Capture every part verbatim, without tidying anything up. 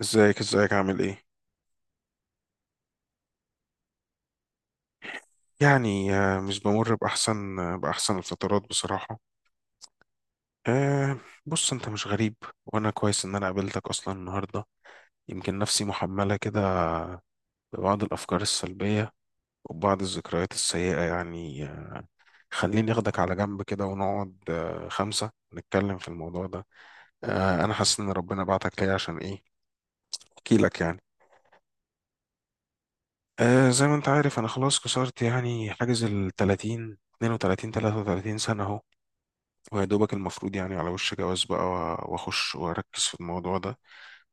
ازيك، ازيك، عامل ايه؟ يعني آه، مش بمر باحسن آه، باحسن الفترات بصراحه. آه بص انت مش غريب، وانا كويس ان انا قابلتك اصلا النهارده. يمكن نفسي محمله كده ببعض الافكار السلبيه وبعض الذكريات السيئه يعني آه، خليني اخدك على جنب كده ونقعد آه، خمسه نتكلم في الموضوع ده. آه انا حاسس ان ربنا بعتك ليا عشان ايه احكي لك يعني. آه زي ما انت عارف، انا خلاص كسرت يعني حاجز ال ثلاتين اتنين وتلاتين ثلاثة وثلاثين سنه، ويا دوبك المفروض يعني على وش جواز بقى و- واخش واركز في الموضوع ده.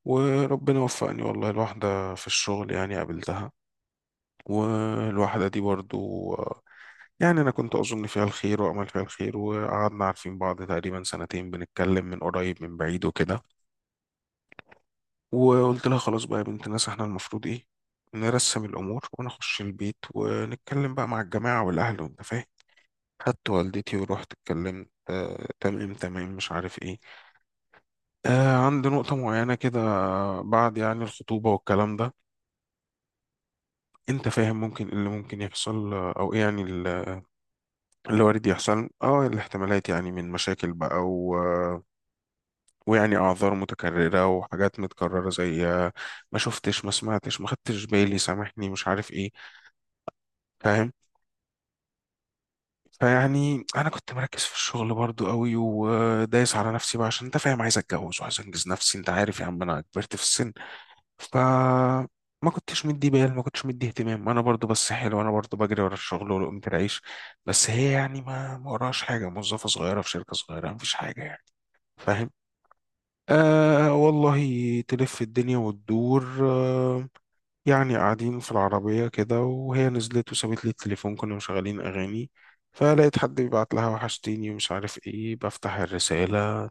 وربنا وفقني والله، الواحدة في الشغل يعني قابلتها، والواحدة دي برضو يعني انا كنت اظن فيها الخير وامل فيها الخير، وقعدنا عارفين بعض تقريبا سنتين، بنتكلم من قريب من بعيد وكده. وقلت لها: خلاص بقى يا بنت الناس، احنا المفروض ايه، نرسم الامور ونخش البيت ونتكلم بقى مع الجماعة والاهل، وانت فاهم. خدت والدتي ورحت اتكلمت، آه، تمام تمام مش عارف ايه. آه عند نقطة معينة كده، بعد يعني الخطوبة والكلام ده، انت فاهم ممكن ايه اللي ممكن يحصل آه، او ايه يعني ال- اللي وارد يحصل. اه الاحتمالات يعني من مشاكل بقى و... ويعني اعذار متكررة وحاجات متكررة، زي آه، ما شفتش، ما سمعتش، ما خدتش بالي، سامحني، مش عارف ايه. فاهم. فيعني انا كنت مركز في الشغل برضو قوي، ودايس على نفسي بقى، عشان انت فاهم عايز اتجوز وعايز انجز نفسي. انت عارف يا عم انا كبرت في السن. فما كنتش مدي بال، ما كنتش مدي اهتمام انا برضو، بس حلو، انا برضو بجري ورا الشغل ولقمة العيش. بس هي يعني ما ما وراش حاجه، موظفه صغيره في شركه صغيره، مفيش حاجه يعني. فاهم. آه والله تلف الدنيا وتدور آه يعني قاعدين في العربية كده، وهي نزلت وسابت لي التليفون، كنا مشغلين أغاني، فلقيت حد بيبعت لها: وحشتيني ومش عارف ايه. بفتح الرسالة: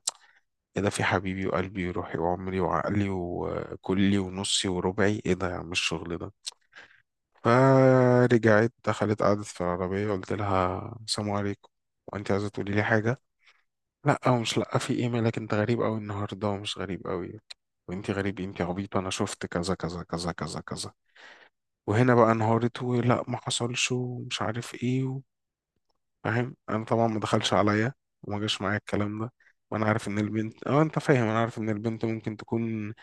ايه ده؟ في حبيبي وقلبي وروحي وعمري وعقلي وكلي ونصي وربعي، ايه ده يا عم الشغل ده؟ فرجعت دخلت قعدت في العربية، قلت لها: السلام عليكم، وانت عايزة تقولي لي حاجة؟ لا، ومش لا، في ايه، مالك انت غريب قوي النهاردة، ومش غريب قوي، وانت غريب إيه؟ انت عبيط، انا شفت كذا كذا كذا كذا كذا. وهنا بقى انهارت ولا ما حصلش ومش عارف ايه و- فاهم. انا طبعا ما دخلش عليا وما جاش معايا الكلام ده. وانا عارف ان البنت، اه انت فاهم، انا عارف ان البنت ممكن تكون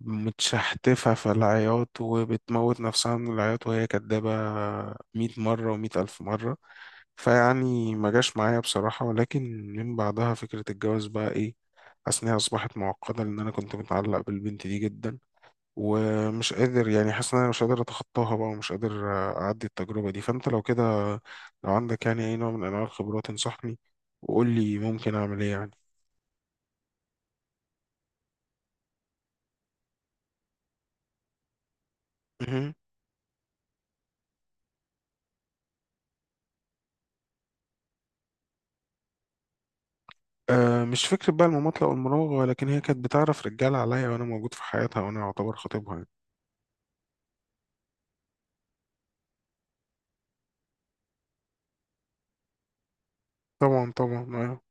متشحتفة في العياط وبتموت نفسها من العياط، وهي كدابة مية مرة ومية ألف مرة. فيعني ما جاش معايا بصراحة، ولكن من بعدها فكرة الجواز بقى إيه، حاسس إنها أصبحت معقدة، لأن أنا كنت متعلق بالبنت دي جدا، ومش قادر يعني، حاسس إن أنا مش قادر أتخطاها بقى، ومش قادر أعدي التجربة دي. فأنت لو كده، لو عندك يعني أي نوع من أنواع الخبرات، انصحني وقول لي ممكن أعمل إيه يعني. أه مش فكرة بقى المماطلة أو المراوغة، ولكن هي كانت بتعرف رجالة عليا وأنا موجود في حياتها وأنا أعتبر خطيبها يعني. طبعا طبعا أه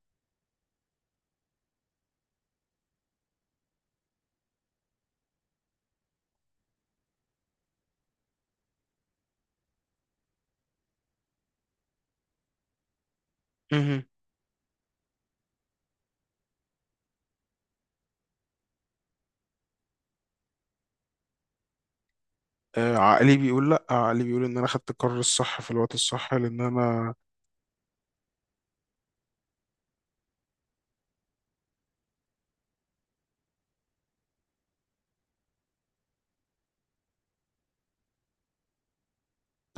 مهم. آه، عقلي بيقول لأ، عقلي بيقول إن أنا خدت القرار الصح في الوقت الصح، لأن أنا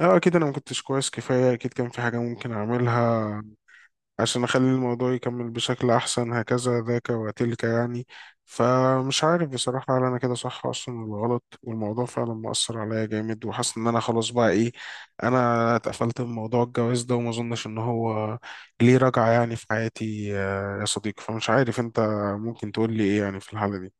أه أكيد أنا ما كنتش كويس كفاية، أكيد كان في حاجة ممكن أعملها عشان أخلي الموضوع يكمل بشكل أحسن، هكذا ذاك وتلك يعني. فمش عارف بصراحة، هل أنا كده صح أصلا ولا غلط؟ والموضوع فعلا مؤثر عليا جامد، وحاسس إن أنا خلاص بقى إيه، أنا اتقفلت من موضوع الجواز ده، وما أظنش إن هو ليه رجعة يعني في حياتي، آه، يا صديقي. فمش عارف، أنت ممكن تقول لي إيه يعني في الحالة دي؟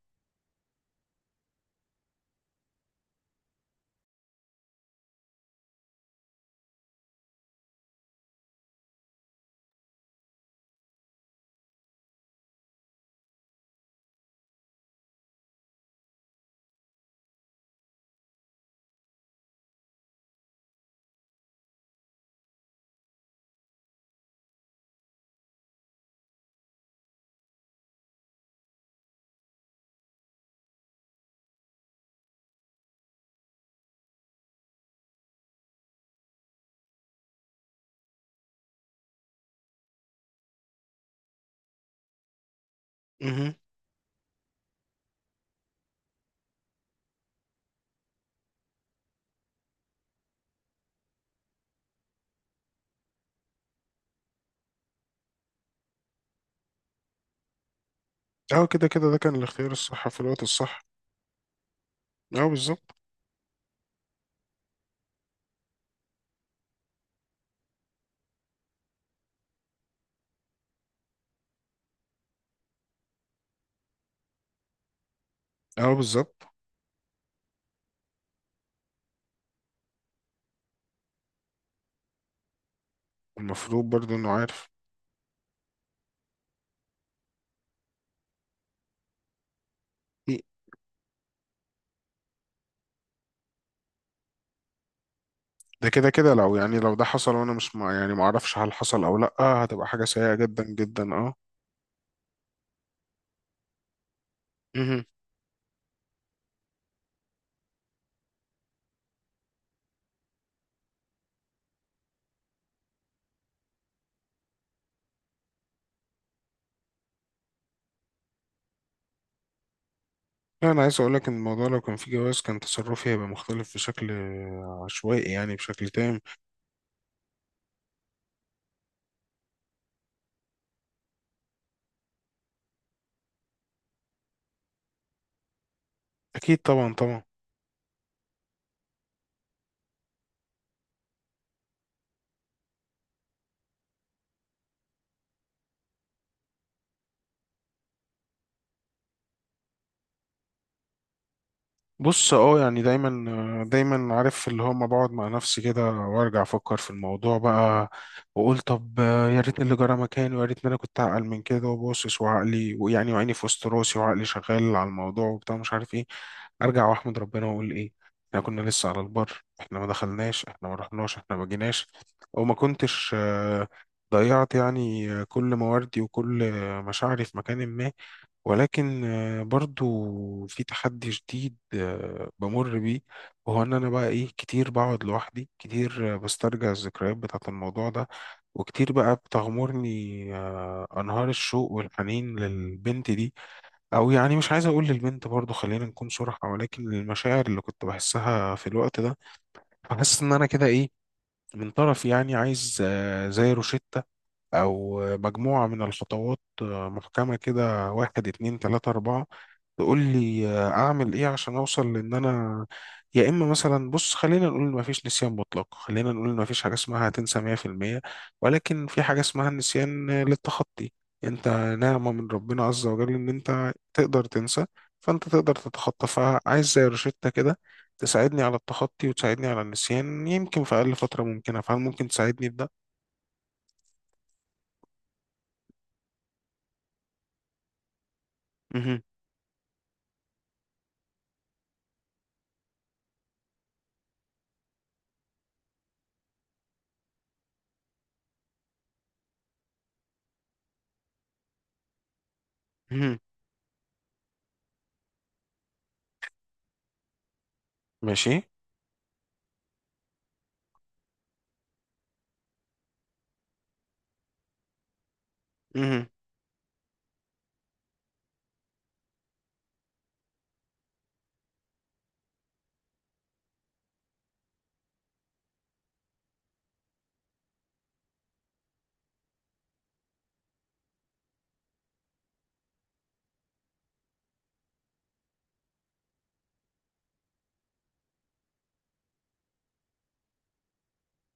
مهم. أه كده كده ده كان الاختيار الصح في الوقت الصح. أه بالظبط أه بالظبط. المفروض برضه إنه عارف. ده كده كده، لو يعني لو ده حصل، وانا مش مع، يعني ما اعرفش هل حصل او لا، هتبقى حاجه سيئه جدا جدا اه مهم. لا، انا عايز اقول لك ان الموضوع لو كان فيه جواز كان تصرفي هيبقى مختلف بشكل عشوائي، يعني بشكل تام. اكيد طبعا طبعا. بص اه يعني دايما دايما عارف اللي هو، ما بقعد مع نفسي كده وارجع افكر في الموضوع بقى، واقول طب يا ريتني اللي جرى مكاني، ويا ريتني انا كنت اعقل من كده، وباصص وعقلي، ويعني وعيني في وسط راسي وعقلي شغال على الموضوع وبتاع مش عارف ايه. ارجع واحمد ربنا واقول ايه، احنا كنا لسه على البر، احنا ما دخلناش، احنا ما رحناش، احنا ما جيناش، وما كنتش آه، ضيعت يعني كل مواردي وكل مشاعري في مكان ما. ولكن آه، برضو في تحدي جديد آه، بمر بيه، وهو ان انا بقى ايه، كتير بقعد لوحدي، كتير آه، بسترجع الذكريات بتاعة الموضوع ده، وكتير بقى بتغمرني آه، انهار الشوق والحنين للبنت دي، او يعني مش عايز اقول للبنت برضو، خلينا نكون صراحة، ولكن للمشاعر اللي كنت بحسها في الوقت ده. فحاسس ان انا كده ايه، من طرف يعني عايز آه، زي روشتة، او آه، مجموعة من الخطوات آه، محكمة كده، واحد اتنين تلاتة اربعة، تقول لي آه، اعمل ايه عشان اوصل، لان انا يا اما مثلا، بص خلينا نقول ما فيش نسيان مطلق، خلينا نقول ما فيش حاجه اسمها هتنسى مية في المية، ولكن في حاجه اسمها النسيان آه، للتخطي. انت نعمه من ربنا عز وجل ان انت تقدر تنسى، فانت تقدر تتخطى. فعايز زي روشتة كده تساعدني على التخطي، وتساعدني على النسيان، يمكن في اقل فتره ممكنه. فهل ممكن تساعدني بده؟ مهم. مهم. ماشي. مهم.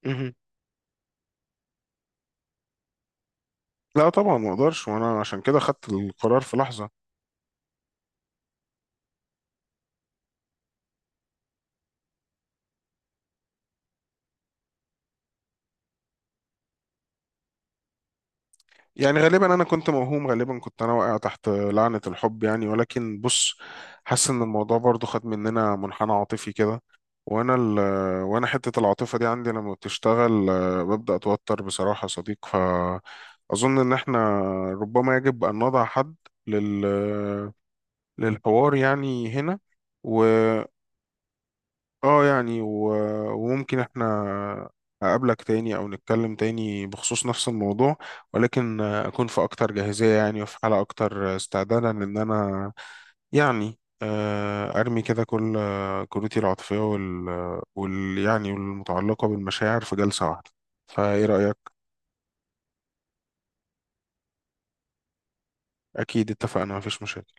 مهم. لا طبعا ما اقدرش، وانا عشان كده خدت القرار في لحظه. يعني غالبا انا كنت موهوم، غالبا كنت انا واقع تحت لعنة الحب يعني، ولكن بص، حاسس ان الموضوع برضو خد مننا منحنى عاطفي كده. وانا ال وانا حتة العاطفة دي عندي لما بتشتغل آه، ببدأ اتوتر بصراحة يا صديق. فاظن ان احنا ربما يجب ان نضع حد لل للحوار يعني هنا. اه يعني و... وممكن احنا اقابلك تاني، او نتكلم تاني بخصوص نفس الموضوع، ولكن اكون في اكتر جاهزية يعني، وفي حالة اكتر استعدادا ان انا يعني آه، ارمي كده كل كروتي العاطفية وال... وال يعني والمتعلقة بالمشاعر في جلسة واحدة. فايه رأيك؟ اكيد اتفقنا، مفيش مشاكل.